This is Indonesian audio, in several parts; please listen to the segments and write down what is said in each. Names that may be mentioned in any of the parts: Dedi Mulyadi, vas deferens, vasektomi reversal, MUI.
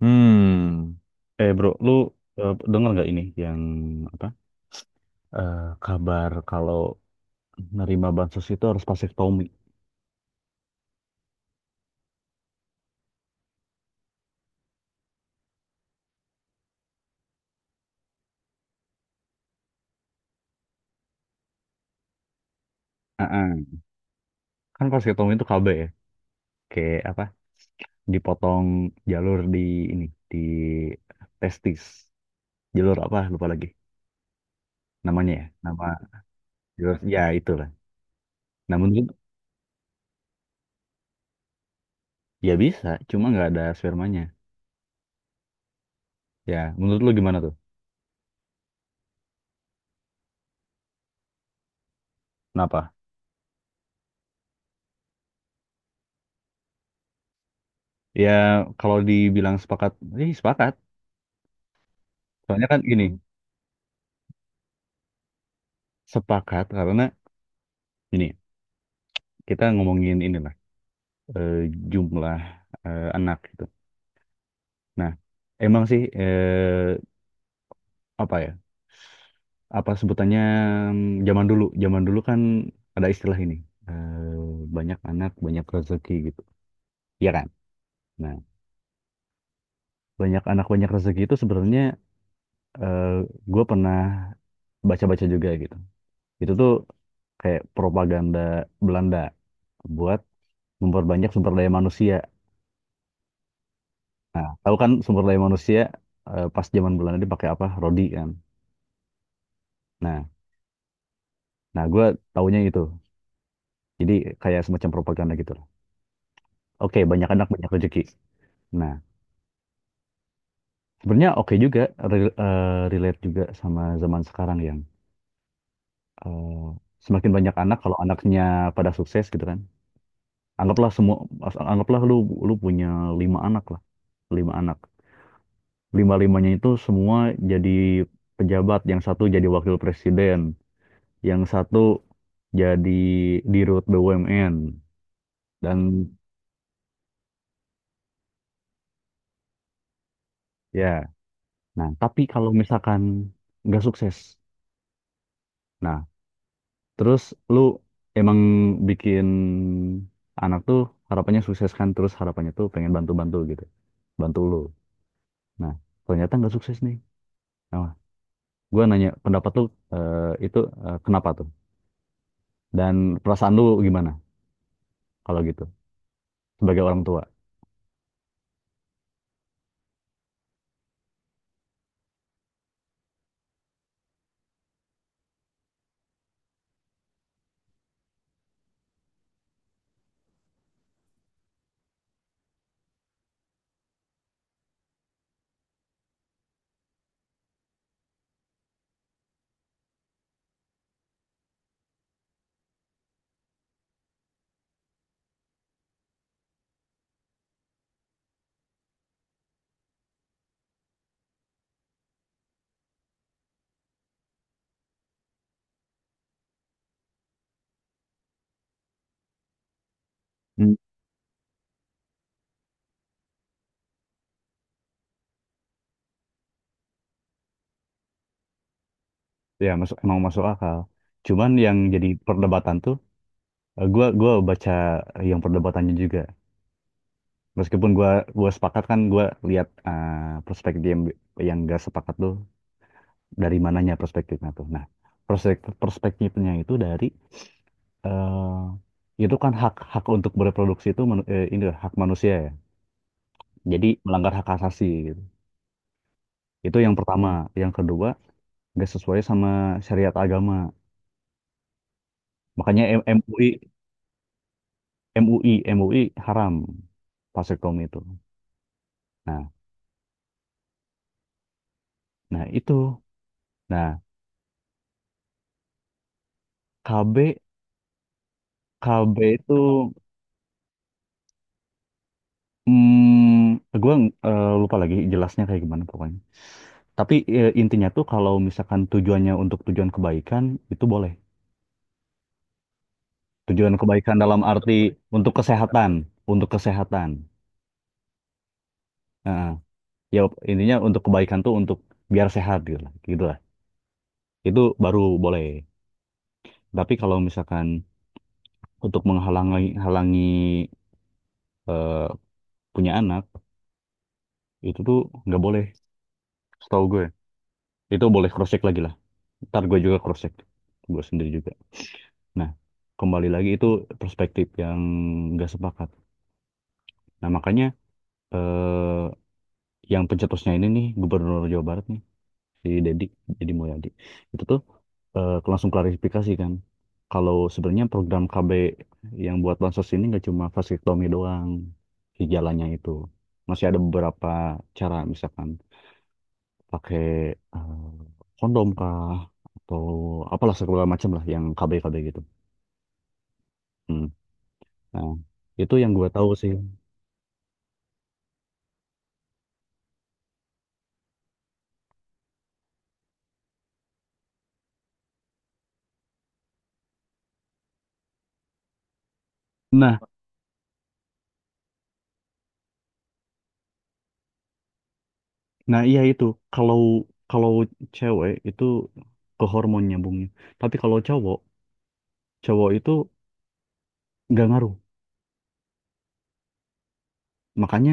Hmm. Eh bro, lu denger nggak ini yang apa? Kabar kalau nerima bansos itu harus vasektomi. Heeh. Kan vasektomi itu KB, ya, kayak apa? Dipotong jalur ini di testis. Jalur apa? Lupa lagi namanya ya. Nama jalur ya itulah. Nah, ya bisa, cuma nggak ada spermanya. Ya menurut lu gimana tuh? Kenapa? Ya kalau dibilang sepakat, sepakat. Soalnya kan gini, sepakat karena ini, kita ngomongin inilah, eh, jumlah, anak gitu. Nah, emang sih, apa ya? Apa sebutannya zaman dulu? Zaman dulu kan ada istilah ini. Banyak anak, banyak rezeki gitu. Iya kan? Nah, banyak anak, banyak rezeki itu sebenarnya gue pernah baca-baca juga gitu. Itu tuh kayak propaganda Belanda buat memperbanyak sumber daya manusia. Nah, tahu kan sumber daya manusia pas zaman Belanda dia pakai apa? Rodi kan. Nah, nah gue taunya itu. Jadi kayak semacam propaganda gitu lah. Oke, banyak anak banyak rezeki. Nah, sebenarnya oke juga, relate juga sama zaman sekarang yang eh, semakin banyak anak kalau anaknya pada sukses gitu kan. Anggaplah semua, anggaplah lu, punya lima anak lah, lima anak. Lima-limanya itu semua jadi pejabat, yang satu jadi wakil presiden, yang satu jadi dirut BUMN dan ya. Nah, tapi kalau misalkan nggak sukses. Nah, terus lu emang bikin anak tuh harapannya sukses kan, terus harapannya tuh pengen bantu-bantu gitu, bantu lu. Nah, ternyata nggak sukses nih. Nah, gue nanya pendapat lu, eh, itu, kenapa tuh, dan perasaan lu gimana kalau gitu sebagai orang tua. Hmm. Ya masuk, emang masuk akal, cuman yang jadi perdebatan tuh. Gua baca yang perdebatannya juga. Meskipun gua sepakat, kan gua lihat perspektif yang gak sepakat tuh dari mananya perspektifnya tuh. Nah, perspektifnya itu dari, itu kan hak, hak untuk bereproduksi itu, ini hak manusia ya. Jadi melanggar hak asasi gitu. Itu yang pertama. Yang kedua, gak sesuai sama syariat agama. Makanya MUI MUI MUI haram vasektomi itu. Nah, nah itu. Nah, KB KB itu, mm, gue lupa lagi jelasnya kayak gimana pokoknya. Tapi, intinya tuh kalau misalkan tujuannya untuk tujuan kebaikan, itu boleh. Tujuan kebaikan dalam arti untuk kesehatan, untuk kesehatan. Heeh. Ya, intinya untuk kebaikan tuh untuk biar sehat gitu lah, gitu lah. Itu baru boleh. Tapi kalau misalkan untuk menghalangi, halangi eh, punya anak, itu tuh nggak boleh, setahu gue. Itu boleh cross check lagi lah. Ntar gue juga cross check, gue sendiri juga. Nah, kembali lagi itu perspektif yang nggak sepakat. Nah, makanya, eh, yang pencetusnya ini nih, Gubernur Jawa Barat nih, si Dedi, Dedi Mulyadi, itu tuh langsung klarifikasi kan, kalau sebenarnya program KB yang buat bansos ini nggak cuma vasektomi doang, si jalannya itu. Masih ada beberapa cara, misalkan pakai, eh, kondom kah, atau apalah segala macam lah yang KB-KB gitu. Hmm. Nah, itu yang gue tahu sih. Nah, nah, iya itu. Kalau, kalau cewek itu ke hormon nyambungnya. Tapi kalau cowok, itu nggak ngaruh. Makanya,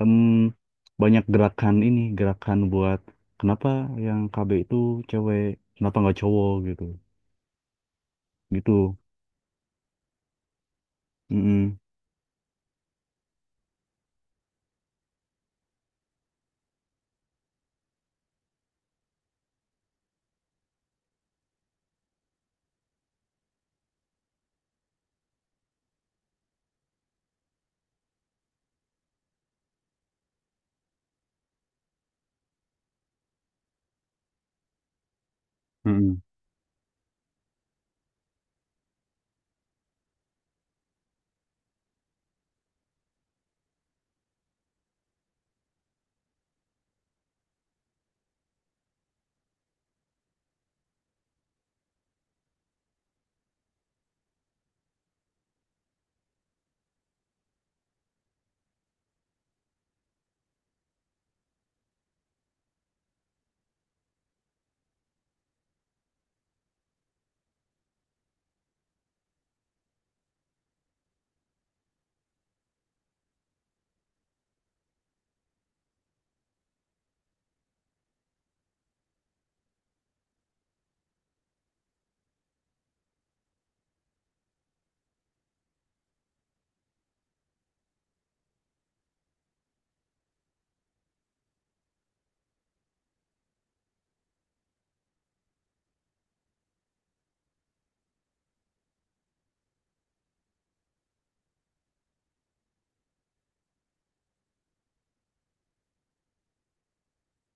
em, banyak gerakan ini, gerakan buat, kenapa yang KB itu cewek, kenapa nggak cowok gitu. Gitu. Mm-mm. Mm-mm.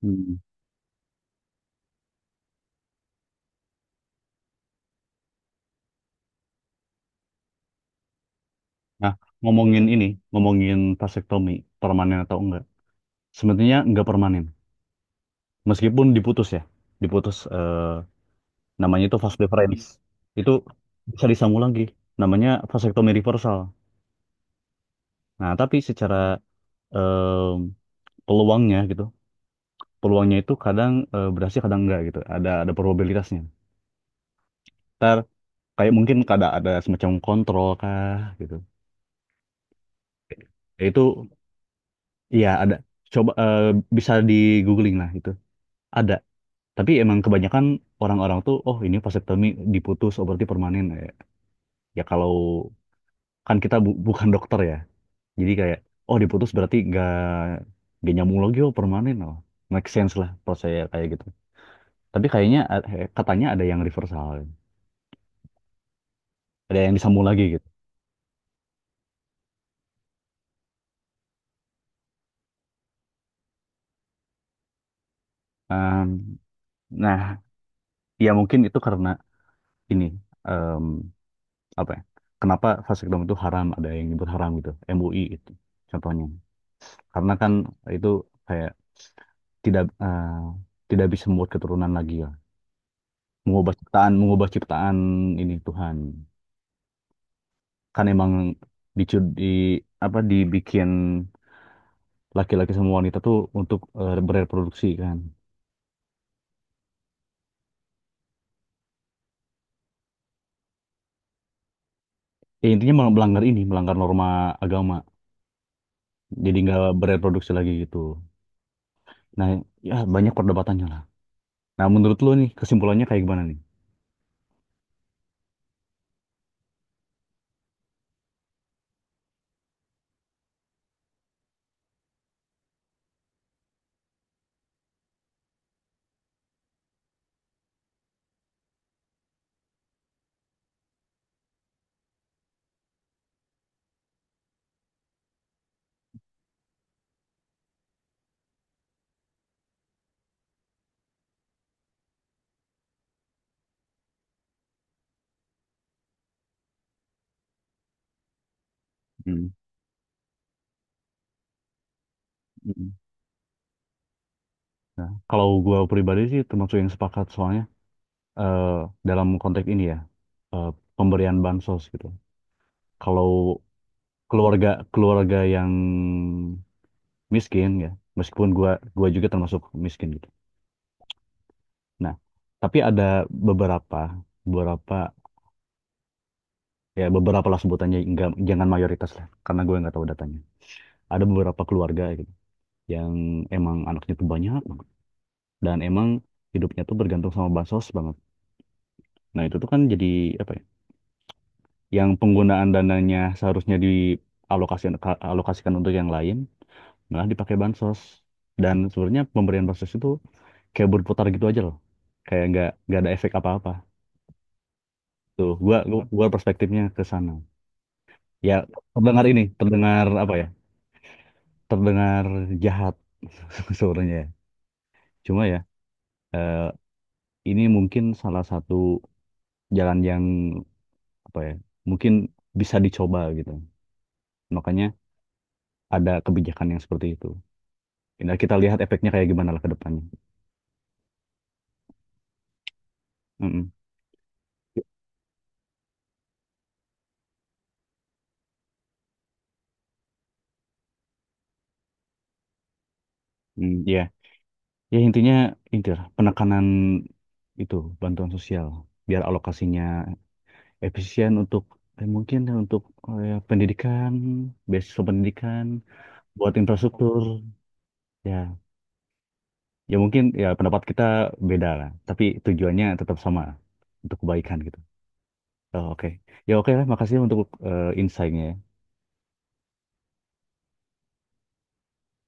Mm-mm. Nah, ngomongin ini, ngomongin vasektomi permanen atau enggak. Sebenarnya nggak permanen. Meskipun diputus ya, diputus. Namanya itu vas deferens. Itu bisa disambung lagi. Namanya vasektomi reversal. Nah, tapi secara, em, peluangnya gitu, peluangnya itu kadang berhasil kadang enggak gitu. Ada probabilitasnya. Ntar kayak mungkin kada ada semacam kontrol kah gitu. Ya, itu iya ada. Coba, bisa di googling lah itu. Ada. Tapi emang kebanyakan orang-orang tuh, oh ini vasektomi diputus, oh berarti permanen. Ya, ya kalau, kan kita bukan dokter ya. Jadi kayak, oh diputus berarti gak nyambung lagi, oh permanen loh. Make sense lah kalau saya kayak gitu. Tapi kayaknya, katanya ada yang reversal, ada yang disambung lagi gitu. Em, nah, ya mungkin itu karena ini, em, apa ya? Kenapa vasektomi itu haram? Ada yang nyebut haram gitu, MUI itu contohnya. Karena kan itu kayak tidak, tidak bisa membuat keturunan lagi ya. Mengubah ciptaan ini Tuhan. Kan emang, dicu- di apa dibikin laki-laki sama wanita tuh untuk, bereproduksi kan. Ya, intinya melanggar ini, melanggar norma agama. Jadi nggak bereproduksi lagi gitu. Nah, ya banyak perdebatannya lah. Nah, menurut lo nih kesimpulannya kayak gimana nih? Hmm. Mm-mm. Nah, kalau gua pribadi sih termasuk yang sepakat soalnya, eh, dalam konteks ini ya, eh, pemberian bansos gitu. Kalau keluarga keluarga yang miskin ya, meskipun gua juga termasuk miskin gitu. Nah, tapi ada beberapa, beberapa, ya beberapa lah sebutannya, enggak, jangan mayoritas lah, karena gue nggak tahu datanya. Ada beberapa keluarga ya gitu, yang emang anaknya tuh banyak banget, dan emang hidupnya tuh bergantung sama bansos banget. Nah, itu tuh kan jadi apa ya? Yang penggunaan dananya seharusnya dialokasikan, untuk yang lain, malah dipakai bansos. Dan sebenarnya pemberian bansos itu kayak berputar gitu aja loh, kayak nggak ada efek apa-apa. Tuh, gua perspektifnya ke sana. Ya, terdengar ini, terdengar apa ya? Terdengar jahat sebenarnya. Ya. Cuma ya, eh, ini mungkin salah satu jalan yang apa ya? Mungkin bisa dicoba gitu. Makanya ada kebijakan yang seperti itu. Nah, kita lihat efeknya kayak gimana lah ke depannya. Mm-mm. Mm, iya. Ya intinya itu lah, penekanan itu bantuan sosial biar alokasinya efisien untuk, mungkin untuk, ya, pendidikan, beasiswa pendidikan, buat infrastruktur. Ya, ya mungkin ya pendapat kita beda lah, tapi tujuannya tetap sama untuk kebaikan gitu. Oh, oke, ya oke lah, makasih untuk, insight-nya.